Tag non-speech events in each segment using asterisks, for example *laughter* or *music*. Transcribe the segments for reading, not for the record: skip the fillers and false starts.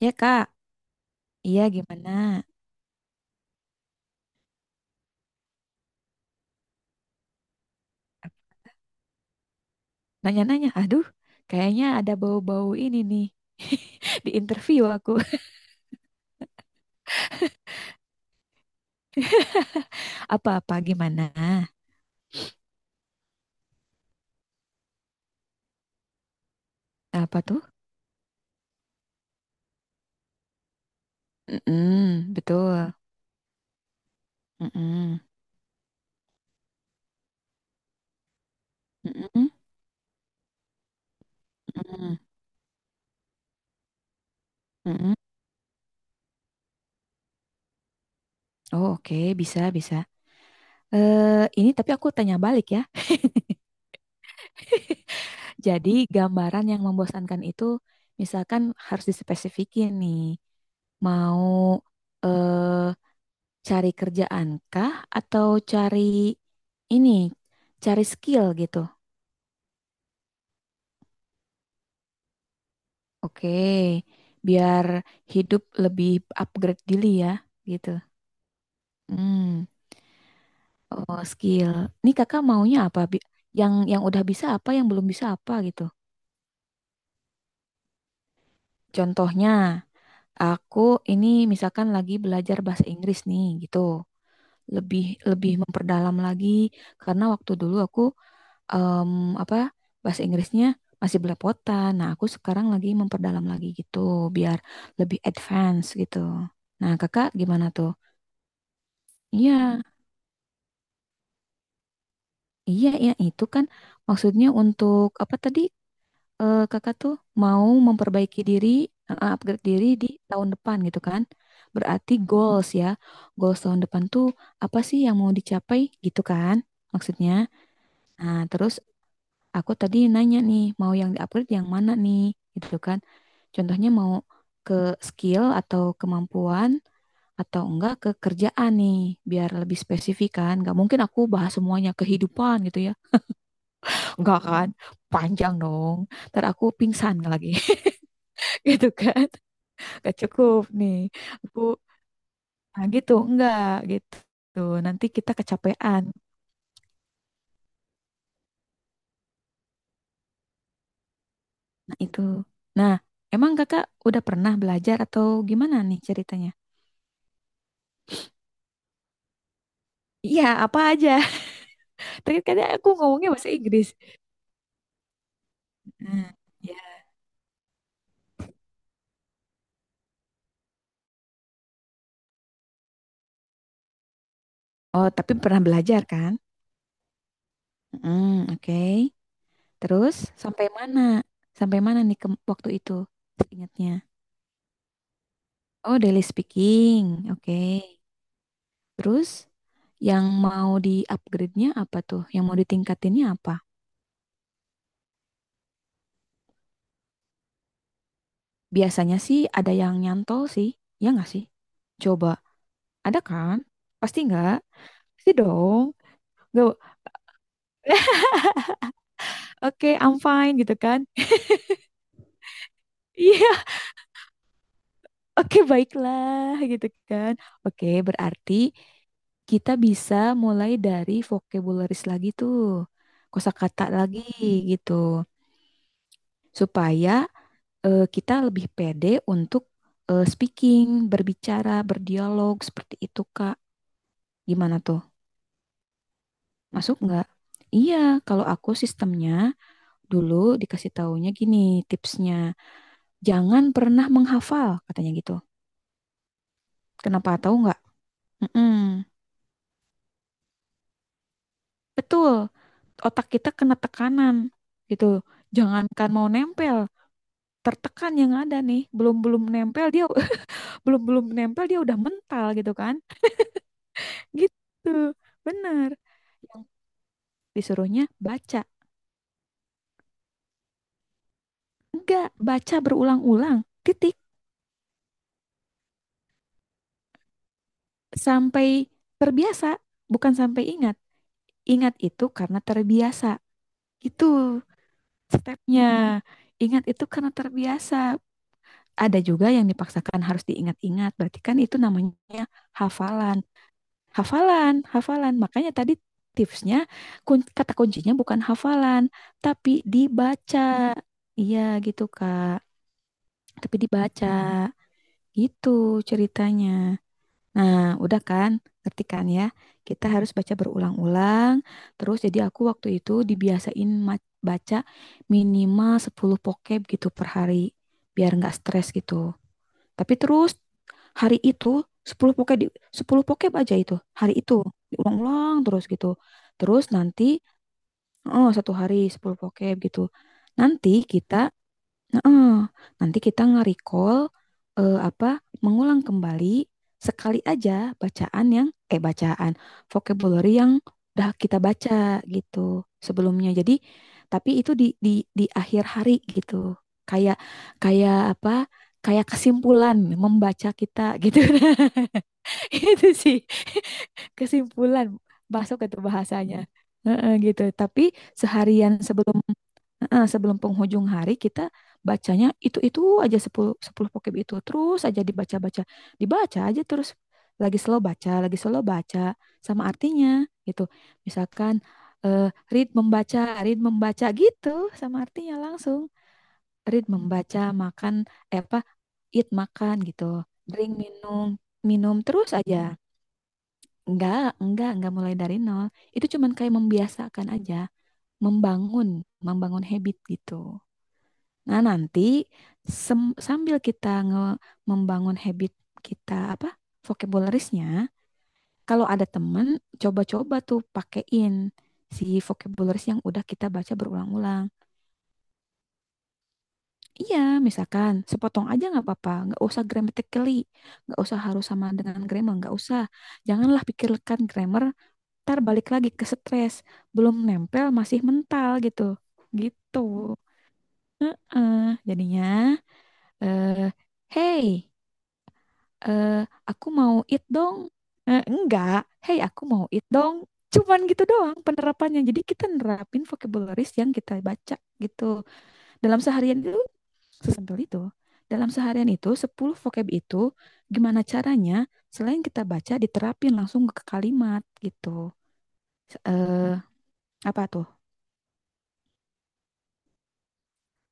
Ya Kak, iya gimana? Nanya-nanya, aduh, kayaknya ada bau-bau ini nih *laughs* di interview aku. *laughs* Apa-apa gimana? Apa tuh? Mm-mm, betul. Mm-mm, mm-mm, mm-mm, mm-mm. Oh oke, bisa bisa. Eh ini tapi aku tanya balik ya. Jadi gambaran yang membosankan itu, misalkan harus dispesifikin nih. Mau eh, Cari kerjaan kah atau cari ini, cari skill gitu? Oke, biar hidup lebih upgrade diri ya, gitu. Hmm, oh skill. Nih kakak maunya apa? Yang udah bisa apa, yang belum bisa apa gitu. Contohnya, aku ini misalkan lagi belajar bahasa Inggris nih, gitu. Lebih lebih memperdalam lagi karena waktu dulu aku em, apa bahasa Inggrisnya masih belepotan. Nah, aku sekarang lagi memperdalam lagi gitu biar lebih advance gitu. Nah, Kakak gimana tuh? Iya, iya, iya itu kan maksudnya untuk apa tadi Kakak tuh mau memperbaiki diri, eh, upgrade diri di tahun depan gitu kan? Berarti goals ya. Goals tahun depan tuh apa sih yang mau dicapai gitu kan? Maksudnya. Nah, terus aku tadi nanya nih mau yang di-upgrade yang mana nih gitu kan, contohnya mau ke skill atau kemampuan atau enggak ke kerjaan nih biar lebih spesifik kan. Gak mungkin aku bahas semuanya kehidupan gitu ya. Enggak kan, panjang dong, ntar aku pingsan lagi. *laughs* Gitu kan, gak cukup nih aku. Nah gitu, enggak gitu, nanti kita kecapean. Nah itu, nah emang kakak udah pernah belajar atau gimana nih ceritanya? Iya, apa aja? Tapi kadang aku ngomongnya bahasa Inggris. Hmm, ya. Oh, tapi pernah belajar kan? Hmm, oke. Terus sampai mana? Sampai mana nih ke waktu itu? Ingatnya. Oh, daily speaking. Oke. Terus yang mau di-upgrade-nya apa tuh? Yang mau ditingkatinnya apa? Biasanya sih ada yang nyantol sih. Ya nggak sih? Coba. Ada kan? Pasti nggak? Pasti dong. Nggak. Oke, I'm fine gitu kan? *laughs* Iya. Oke, baiklah gitu kan. Oke, berarti kita bisa mulai dari vocabularies lagi tuh. Kosakata lagi gitu. Supaya kita lebih pede untuk speaking, berbicara, berdialog seperti itu, Kak. Gimana tuh? Masuk nggak? Iya, kalau aku sistemnya dulu dikasih taunya gini tipsnya. Jangan pernah menghafal, katanya gitu. Kenapa tahu nggak? Mm-mm. Betul, otak kita kena tekanan gitu. Jangankan mau nempel, tertekan yang ada nih, belum belum nempel dia. *laughs* Belum belum nempel dia udah mental gitu kan? Gitu, bener. Yang disuruhnya baca, enggak baca berulang-ulang, titik sampai terbiasa, bukan sampai ingat. Ingat itu karena terbiasa, itu stepnya. Ingat itu karena terbiasa, ada juga yang dipaksakan harus diingat-ingat. Berarti kan itu namanya hafalan. Hafalan, hafalan. Makanya tadi tipsnya kata kuncinya bukan hafalan, tapi dibaca. Iya gitu, Kak. Tapi dibaca. Gitu ceritanya. Nah, udah kan? Ngerti kan ya? Kita harus baca berulang-ulang. Terus jadi aku waktu itu dibiasain baca minimal 10 pokeb gitu per hari. Biar nggak stres gitu. Tapi terus hari itu 10 pokep di 10 pokep aja itu hari itu diulang-ulang terus gitu. Terus nanti oh, satu hari 10 pokep gitu. Nanti kita. Heeh. Nanti kita nge-recall eh, apa mengulang kembali sekali aja bacaan yang bacaan vocabulary yang udah kita baca gitu sebelumnya. Jadi tapi itu di akhir hari gitu. Kayak kayak apa? Kayak kesimpulan membaca kita gitu. *laughs* *laughs* Itu sih *laughs* kesimpulan masuk itu bahasanya. Heeh, gitu. Tapi seharian sebelum heeh, sebelum penghujung hari kita bacanya itu-itu aja sepuluh 10 pokeb itu terus aja dibaca-baca. Dibaca aja terus lagi slow baca sama artinya gitu. Misalkan eh, read membaca, read membaca gitu sama artinya langsung. Read membaca, makan eh, apa eat makan gitu. Drink minum, minum terus aja. Enggak mulai dari nol. Itu cuman kayak membiasakan aja, membangun, membangun habit gitu. Nah, nanti sambil kita membangun habit kita apa? Vocabularisnya, kalau ada temen coba-coba tuh pakein si vocabularis yang udah kita baca berulang-ulang. Iya, misalkan sepotong aja nggak apa-apa, nggak usah grammatically, nggak usah harus sama dengan grammar, nggak usah. Janganlah pikirkan grammar, ntar balik lagi ke stres, belum nempel masih mental gitu. Gitu eh jadinya eh hey eh aku mau it dong. Eh, enggak, hey aku mau it dong. Cuman gitu doang penerapannya, jadi kita nerapin vocabularies yang kita baca gitu dalam seharian itu. Sesimpel itu dalam seharian itu 10 vocab itu gimana caranya, selain kita baca diterapin langsung ke kalimat gitu eh apa tuh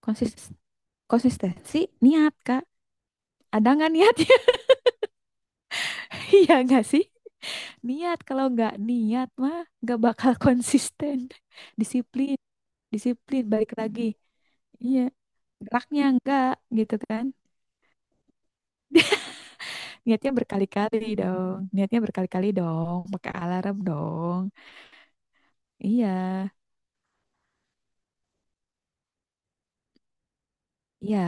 konsis. Konsistensi, niat, Kak. Ada nggak niatnya? *laughs* Iya nggak sih? Niat, kalau nggak niat mah nggak bakal konsisten. *laughs* Disiplin, disiplin, balik lagi. Iya, geraknya enggak gitu kan. *laughs* Niatnya berkali-kali dong. Niatnya berkali-kali dong. Pakai alarm dong. Iya, iya,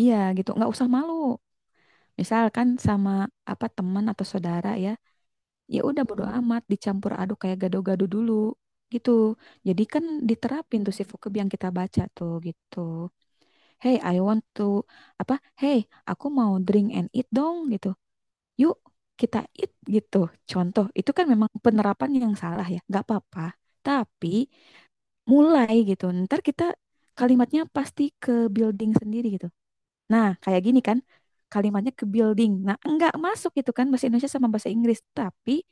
iya gitu. Nggak usah malu. Misalkan sama apa teman atau saudara ya. Ya udah bodo amat dicampur aduk kayak gado-gado dulu gitu, jadi kan diterapin tuh si vocab yang kita baca tuh gitu. Hey I want to apa, hey aku mau drink and eat dong gitu. Yuk kita eat gitu. Contoh itu kan memang penerapan yang salah ya, nggak apa-apa, tapi mulai gitu, ntar kita kalimatnya pasti ke building sendiri gitu. Nah, kayak gini kan, kalimatnya ke building. Nah, enggak masuk itu kan bahasa Indonesia sama bahasa Inggris, tapi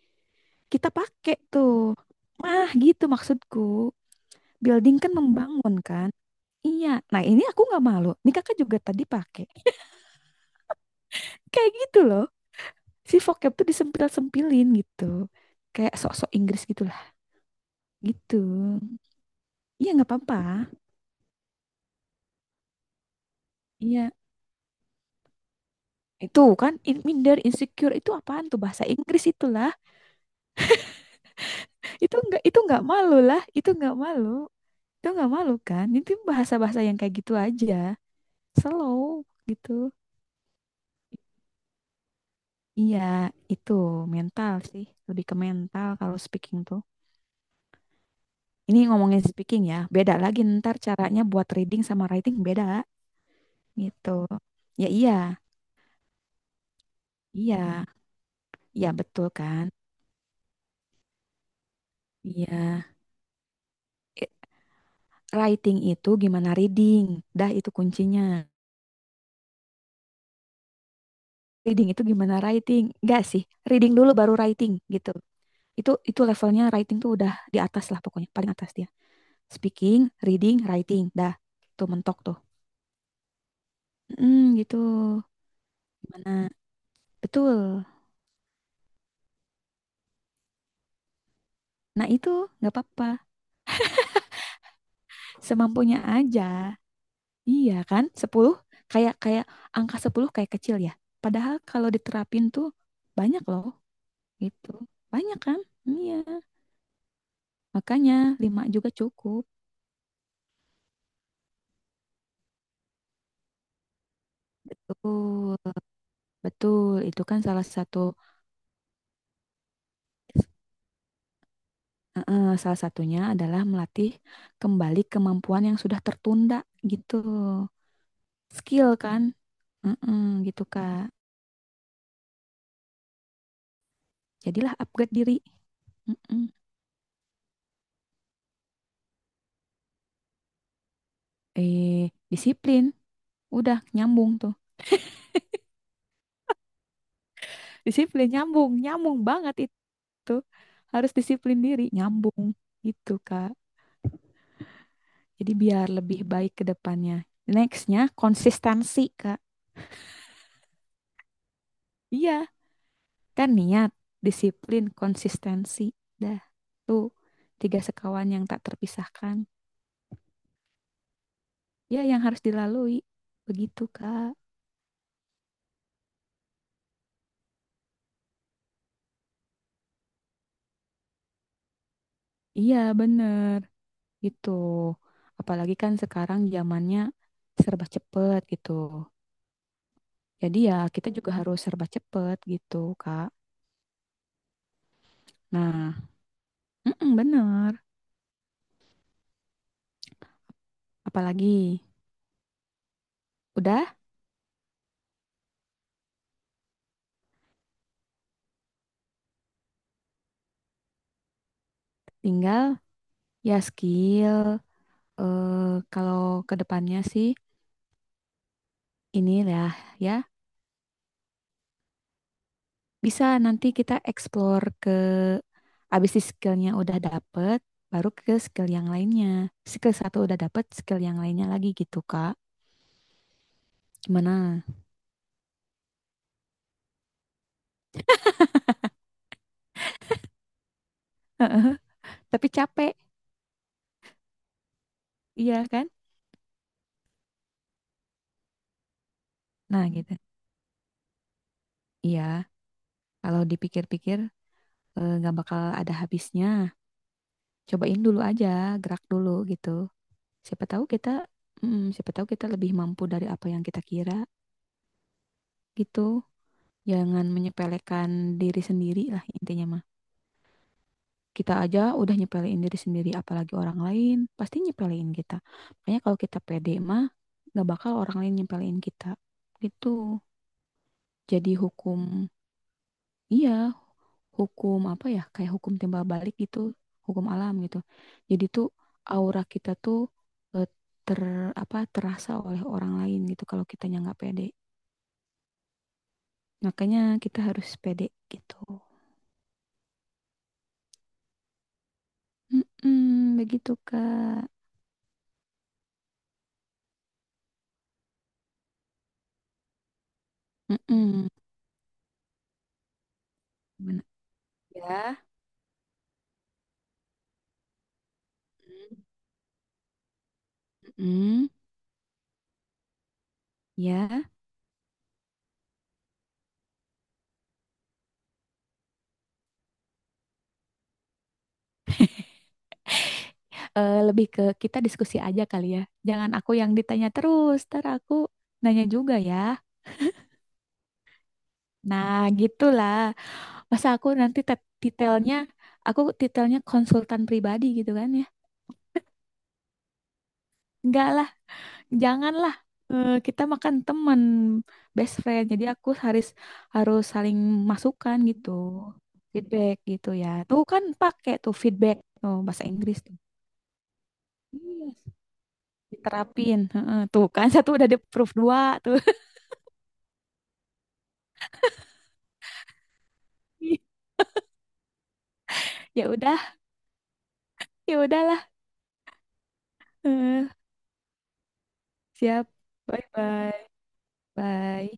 kita pakai tuh. Nah, gitu maksudku. Building kan membangun kan? Iya. Nah, ini aku nggak malu. Ini kakak juga tadi pakai. Kayak gitu loh. Si vocab tuh disempil-sempilin gitu. Kayak sok-sok Inggris gitulah. Gitu. Iya, nggak apa-apa. Iya. Itu kan minder, insecure itu apaan tuh bahasa Inggris itulah. Itu nggak malu lah. Itu nggak malu. Itu nggak malu kan? Itu bahasa-bahasa yang kayak gitu aja. Slow gitu. Iya, itu mental sih. Lebih ke mental kalau speaking tuh. Ini ngomongin speaking ya. Beda lagi ntar caranya buat reading sama writing beda gitu. Ya iya, iya, iya betul kan? Iya. Eh, writing itu gimana reading? Dah itu kuncinya. Reading itu gimana writing? Enggak sih. Reading dulu baru writing gitu. Itu levelnya writing tuh udah di atas lah pokoknya, paling atas dia. Speaking, reading, writing. Dah, tuh mentok tuh. Mm, gitu. Gimana? Betul. Nah, itu nggak apa-apa. Semampunya aja. Iya kan? Sepuluh kayak kayak angka 10 kayak kecil ya. Padahal kalau diterapin tuh banyak loh gitu. Banyak kan? Iya. Makanya 5 juga cukup. Betul. Betul. Itu kan salah satu. Heeh, salah satunya adalah melatih kembali kemampuan yang sudah tertunda gitu. Skill kan? Heeh, gitu Kak. Jadilah upgrade diri. Heeh. Eh, disiplin. Udah nyambung tuh. Disiplin nyambung, nyambung banget itu. Harus disiplin diri, nyambung gitu Kak. Jadi biar lebih baik ke depannya. Nextnya konsistensi Kak. Iya, kan niat, disiplin, konsistensi. Dah, tuh tiga sekawan yang tak terpisahkan. Ya yang harus dilalui begitu Kak. Iya bener gitu. Apalagi kan sekarang zamannya serba cepet gitu, jadi ya kita juga harus serba cepet gitu Kak. Nah mm-mm, bener. Apalagi udah tinggal ya skill. Kalau kedepannya sih ini lah ya. Bisa nanti kita explore ke abis di skillnya udah dapet, baru ke skill yang lainnya. Skill satu udah dapet, skill yang lainnya lagi gitu, Kak. Gimana? *laughs* Tapi capek, iya kan? Nah, gitu. Iya, kalau dipikir-pikir nggak bakal ada habisnya. Cobain dulu aja, gerak dulu gitu. Siapa tahu kita, mm, siapa tahu kita lebih mampu dari apa yang kita kira gitu. Jangan menyepelekan diri sendiri lah intinya mah. Kita aja udah nyepelein diri sendiri, apalagi orang lain pasti nyepelein kita. Makanya kalau kita pede mah nggak bakal orang lain nyepelein kita. Gitu. Jadi hukum, iya, hukum apa ya? Kayak hukum timbal balik gitu, hukum alam gitu. Jadi tuh aura kita tuh eh, ter terasa oleh orang lain gitu kalau kitanya nggak pede. Makanya kita harus pede gitu. Mm-mm, begitu Kak. Mm-mm. Gimana? Ya. Mm-mm. Ya, lebih ke kita diskusi aja kali ya. Jangan aku yang ditanya terus, ntar aku nanya juga ya. Nah, gitulah. Masa aku nanti titelnya, aku titelnya konsultan pribadi gitu kan ya. Enggak lah, janganlah. Eh, kita makan teman, best friend. Jadi aku harus harus saling masukan gitu. Feedback gitu ya. Tuh kan pakai tuh feedback, tuh bahasa Inggris tuh. Iya, diterapin. Heeh, tuh kan satu udah di proof dua tuh. *laughs* Ya udah, ya udahlah. Eh, siap. Bye bye. Bye.